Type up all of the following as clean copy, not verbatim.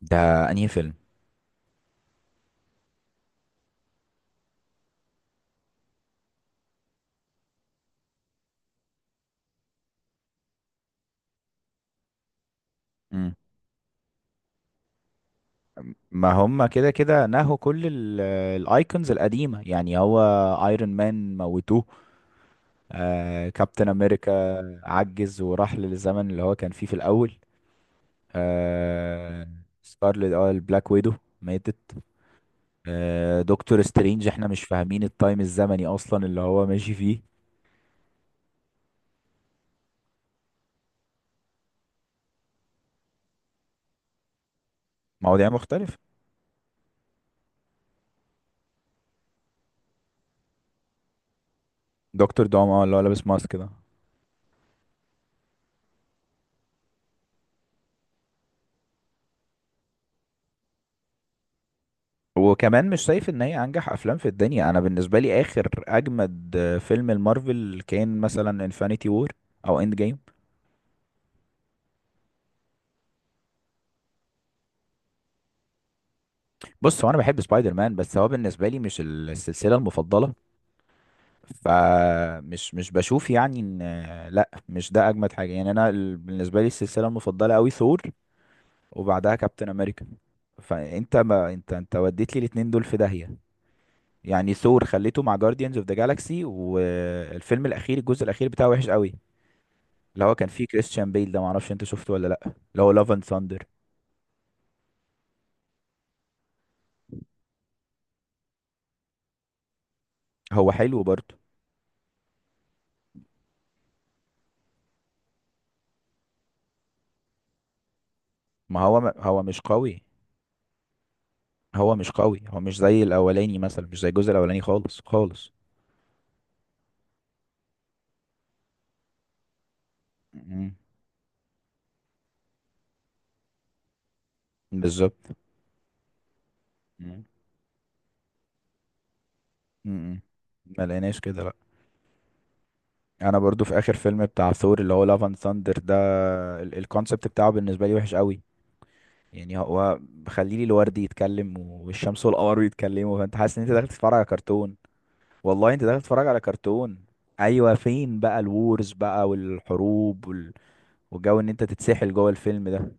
ده انهي فيلم؟ مم. ما هم كده كده نهوا كل الايكونز القديمه، يعني هو ايرون مان موتوه، كابتن امريكا عجز وراح للزمن اللي هو كان فيه في الاول. آه سكارلت، اه، البلاك ويدو ماتت. دكتور سترينج احنا مش فاهمين التايم الزمني اصلا اللي هو ماشي فيه. مواضيع مختلفه. دكتور دوم، اه، اللي هو لابس ماسك ده. وكمان مش شايف ان هي انجح افلام في الدنيا؟ انا بالنسبه لي اخر اجمد فيلم المارفل كان مثلا انفينيتي وور او اند جيم. بص، هو انا بحب سبايدر مان بس هو بالنسبه لي مش السلسله المفضله. فمش مش بشوف يعني ان، لا، مش ده اجمد حاجه. يعني انا، بالنسبه لي السلسله المفضله قوي ثور وبعدها كابتن امريكا. فانت، ما انت وديت لي الاتنين دول في داهيه. يعني ثور خليته مع جارديانز اوف ذا جالاكسي، والفيلم الاخير الجزء الاخير بتاعه وحش قوي، اللي هو كان فيه كريستيان بيل ده، معرفش انت شفته ولا لأ، اللي هو لافن ساندر. هو حلو برضه، ما هو مش قوي. هو مش قوي، هو مش زي الأولاني مثلا، مش زي الجزء الأولاني خالص خالص. مم. بالظبط. مم. مم. ما لقيناش كده، لأ. انا برضو في اخر فيلم بتاع ثور اللي هو لافن ثاندر ده، الكونسبت بتاعه بالنسبه لي وحش قوي. يعني هو خليلي الورد يتكلم والشمس والقمر بيتكلموا، فانت حاسس ان انت داخل تتفرج على كرتون. والله انت داخل تتفرج على كرتون. ايوه، فين بقى الوورز بقى والحروب والجو ان انت تتسحل جوه الفيلم ده.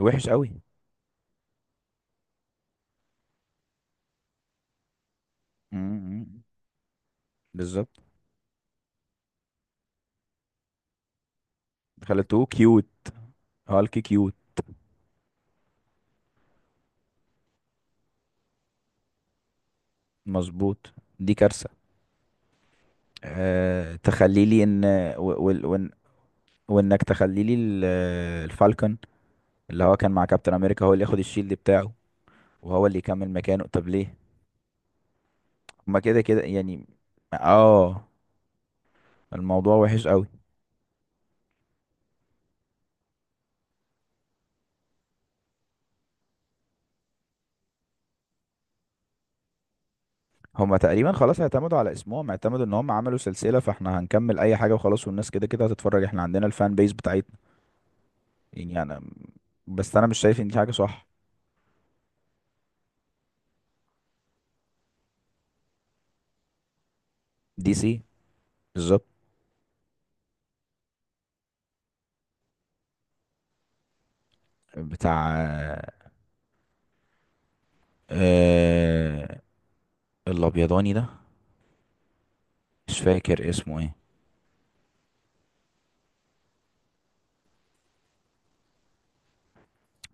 وحش قوي. امم، بالظبط. خليته كيوت، هالك كيوت. مظبوط، دي كارثة. أه، تخلي لي ان، و... وال- وان وانك تخلي لي الفالكون اللي هو كان مع كابتن امريكا هو اللي ياخد الشيلد بتاعه وهو اللي يكمل مكانه، طب ليه؟ هما كده كده يعني، اه، الموضوع وحش قوي. هما تقريبا خلاص اعتمدوا على اسمهم، اعتمدوا ان هم عملوا سلسلة، فاحنا هنكمل اي حاجة وخلاص، والناس كده كده هتتفرج، احنا عندنا الفان بيس بتاعتنا. يعني انا، بس انا مش شايف ان دي حاجة صح. دي سي، بالظبط. بتاع، آه، الابيضاني ده. مش فاكر اسمه ايه.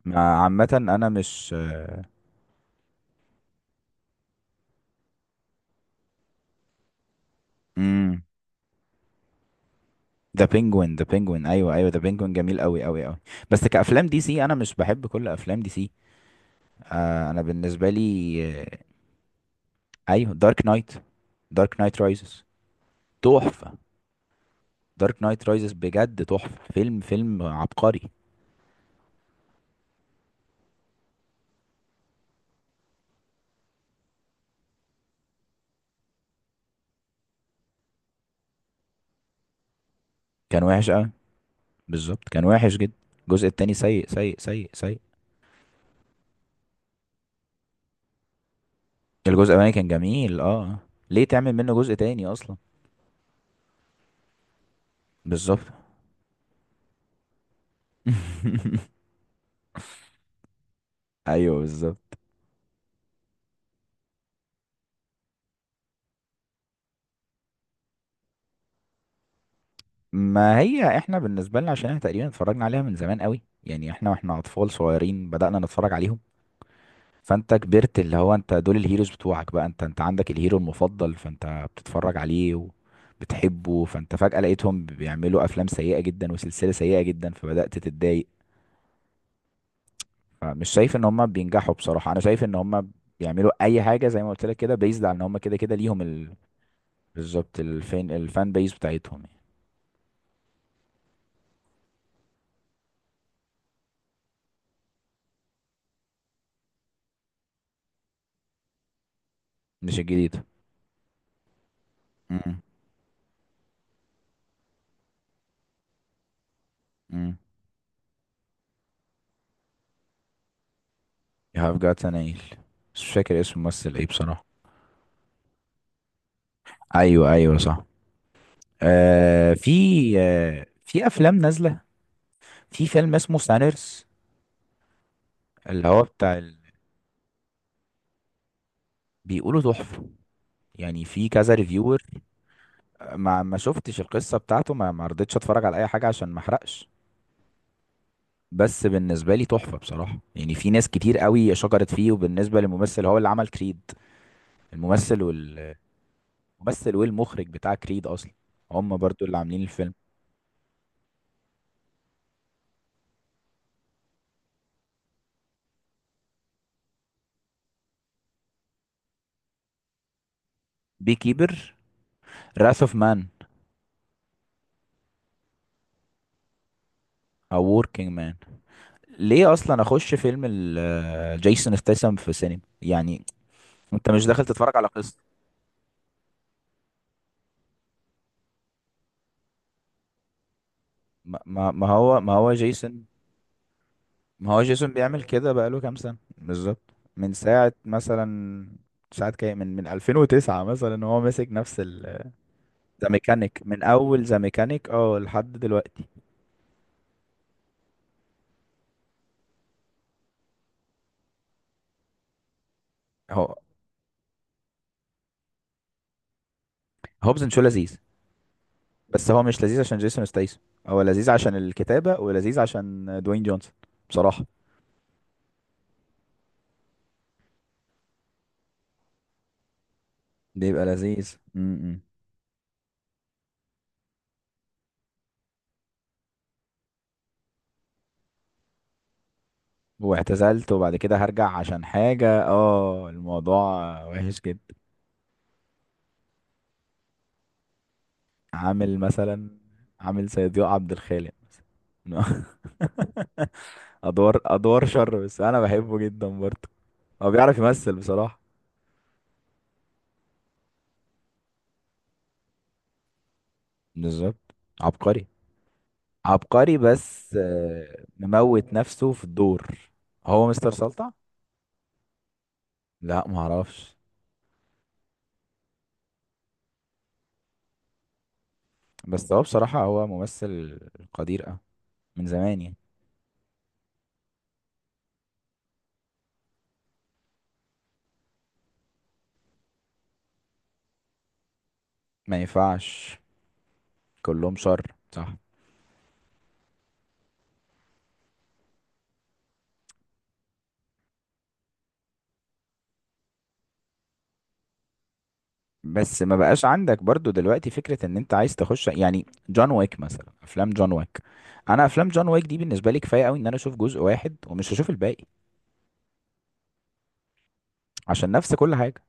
عامة انا مش، امم، ذا بينجوين، ذا بينجوين ايوه، ايوه ذا بينجوين جميل قوي قوي قوي. بس كافلام دي سي انا مش بحب كل افلام دي سي. آه، انا بالنسبة لي، آه، ايوه، دارك نايت، دارك نايت رايزز تحفة. دارك نايت رايزز بجد تحفة، فيلم فيلم عبقري. كان وحش قوي، بالظبط كان وحش جدا. الجزء التاني سيء سيء سيء سيء. الجزء الاولاني كان جميل، اه. ليه تعمل منه جزء تاني اصلا؟ بالظبط. ايوه بالظبط. ما هي احنا بالنسبة لنا، عشان احنا تقريبا اتفرجنا عليها من زمان قوي، يعني احنا واحنا اطفال صغيرين بدأنا نتفرج عليهم. فانت كبرت، اللي هو انت دول الهيروز بتوعك بقى، انت عندك الهيرو المفضل، فانت بتتفرج عليه وبتحبه، فانت فجأة لقيتهم بيعملوا افلام سيئة جدا وسلسلة سيئة جدا، فبدأت تتضايق. فمش شايف ان هم بينجحوا بصراحة. انا شايف ان هم بيعملوا اي حاجة زي ما قلت لك كده، بيزد على ان هم كده كده ليهم بالظبط. الفين الفان بيز بتاعتهم يعني. مش الجديدة، امم، امم. You have got an ale، بس مش فاكر اسم الممثل ايه بصراحة. ايوه ايوه صح. آه في، آه في افلام نازلة، في فيلم اسمه سانرس اللي هو بتاع بيقولوا تحفة، يعني في كذا ريفيور. ما شفتش القصة بتاعته، ما رضيتش اتفرج على اي حاجة عشان ما احرقش. بس بالنسبة لي تحفة بصراحة. يعني في ناس كتير قوي شكرت فيه، وبالنسبة للممثل هو اللي عمل كريد. الممثل والممثل والمخرج بتاع كريد اصلا، هم برضو اللي عاملين الفيلم. بي كيبر، راث اوف مان، او وركينج مان. ليه اصلا اخش فيلم جيسون ستاثام في سينما يعني؟ انت مش داخل تتفرج على قصة. ما هو جيسون، ما هو جيسون بيعمل كده بقاله كام سنة بالظبط، من ساعة مثلا، ساعة كام، من 2009 مثلا هو ماسك نفس ال، ذا ميكانيك، من أول ذا ميكانيك اه لحد دلوقتي. هو هوبزن شو لذيذ، بس هو مش لذيذ عشان جيسون ستايسون. هو لذيذ عشان الكتابة ولذيذ عشان دوين جونسون، بصراحة. بيبقى لذيذ، م -م. واعتزلت وبعد كده هرجع عشان حاجة، اه، الموضوع وحش جدا. عامل مثلا، عامل زي ضياء عبد الخالق مثلا. ادوار ادوار شر، بس انا بحبه جدا برضه. هو بيعرف يمثل بصراحة، بالظبط. عبقري، عبقري، بس آه، مموت نفسه في الدور. هو مستر سلطع؟ لا، معرفش. بس هو بصراحة هو ممثل قدير أوي من زمان يعني. ما ينفعش كلهم شر، صح. بس ما بقاش عندك برضو دلوقتي فكرة ان انت عايز تخش يعني جون ويك مثلا، افلام جون ويك. انا افلام جون ويك دي بالنسبة لي كفاية قوي ان انا اشوف جزء واحد ومش هشوف الباقي، عشان نفس كل حاجة.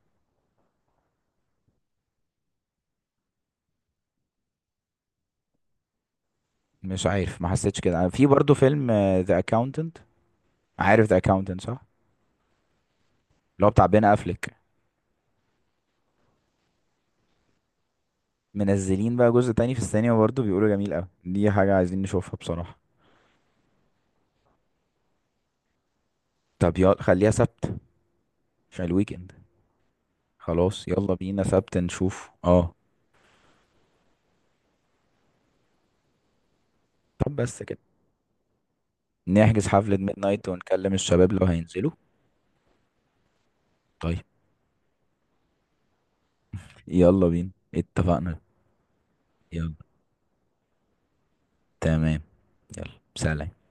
مش عارف، ما حسيتش كده. أنا في برضو فيلم ذا اكاونتنت، عارف ذا اكاونتنت صح؟ اللي هو بتاع بين افليك. منزلين بقى جزء تاني في السينما برضو، بيقولوا جميل قوي، دي حاجة عايزين نشوفها بصراحة. طب يلا خليها سبت عشان الويكند. خلاص، يلا بينا سبت نشوف، اه. طب بس كده، نحجز حفلة ميد نايت ونكلم الشباب لو هينزلوا. طيب، يلا بينا، اتفقنا. يلا، تمام، يلا سلام.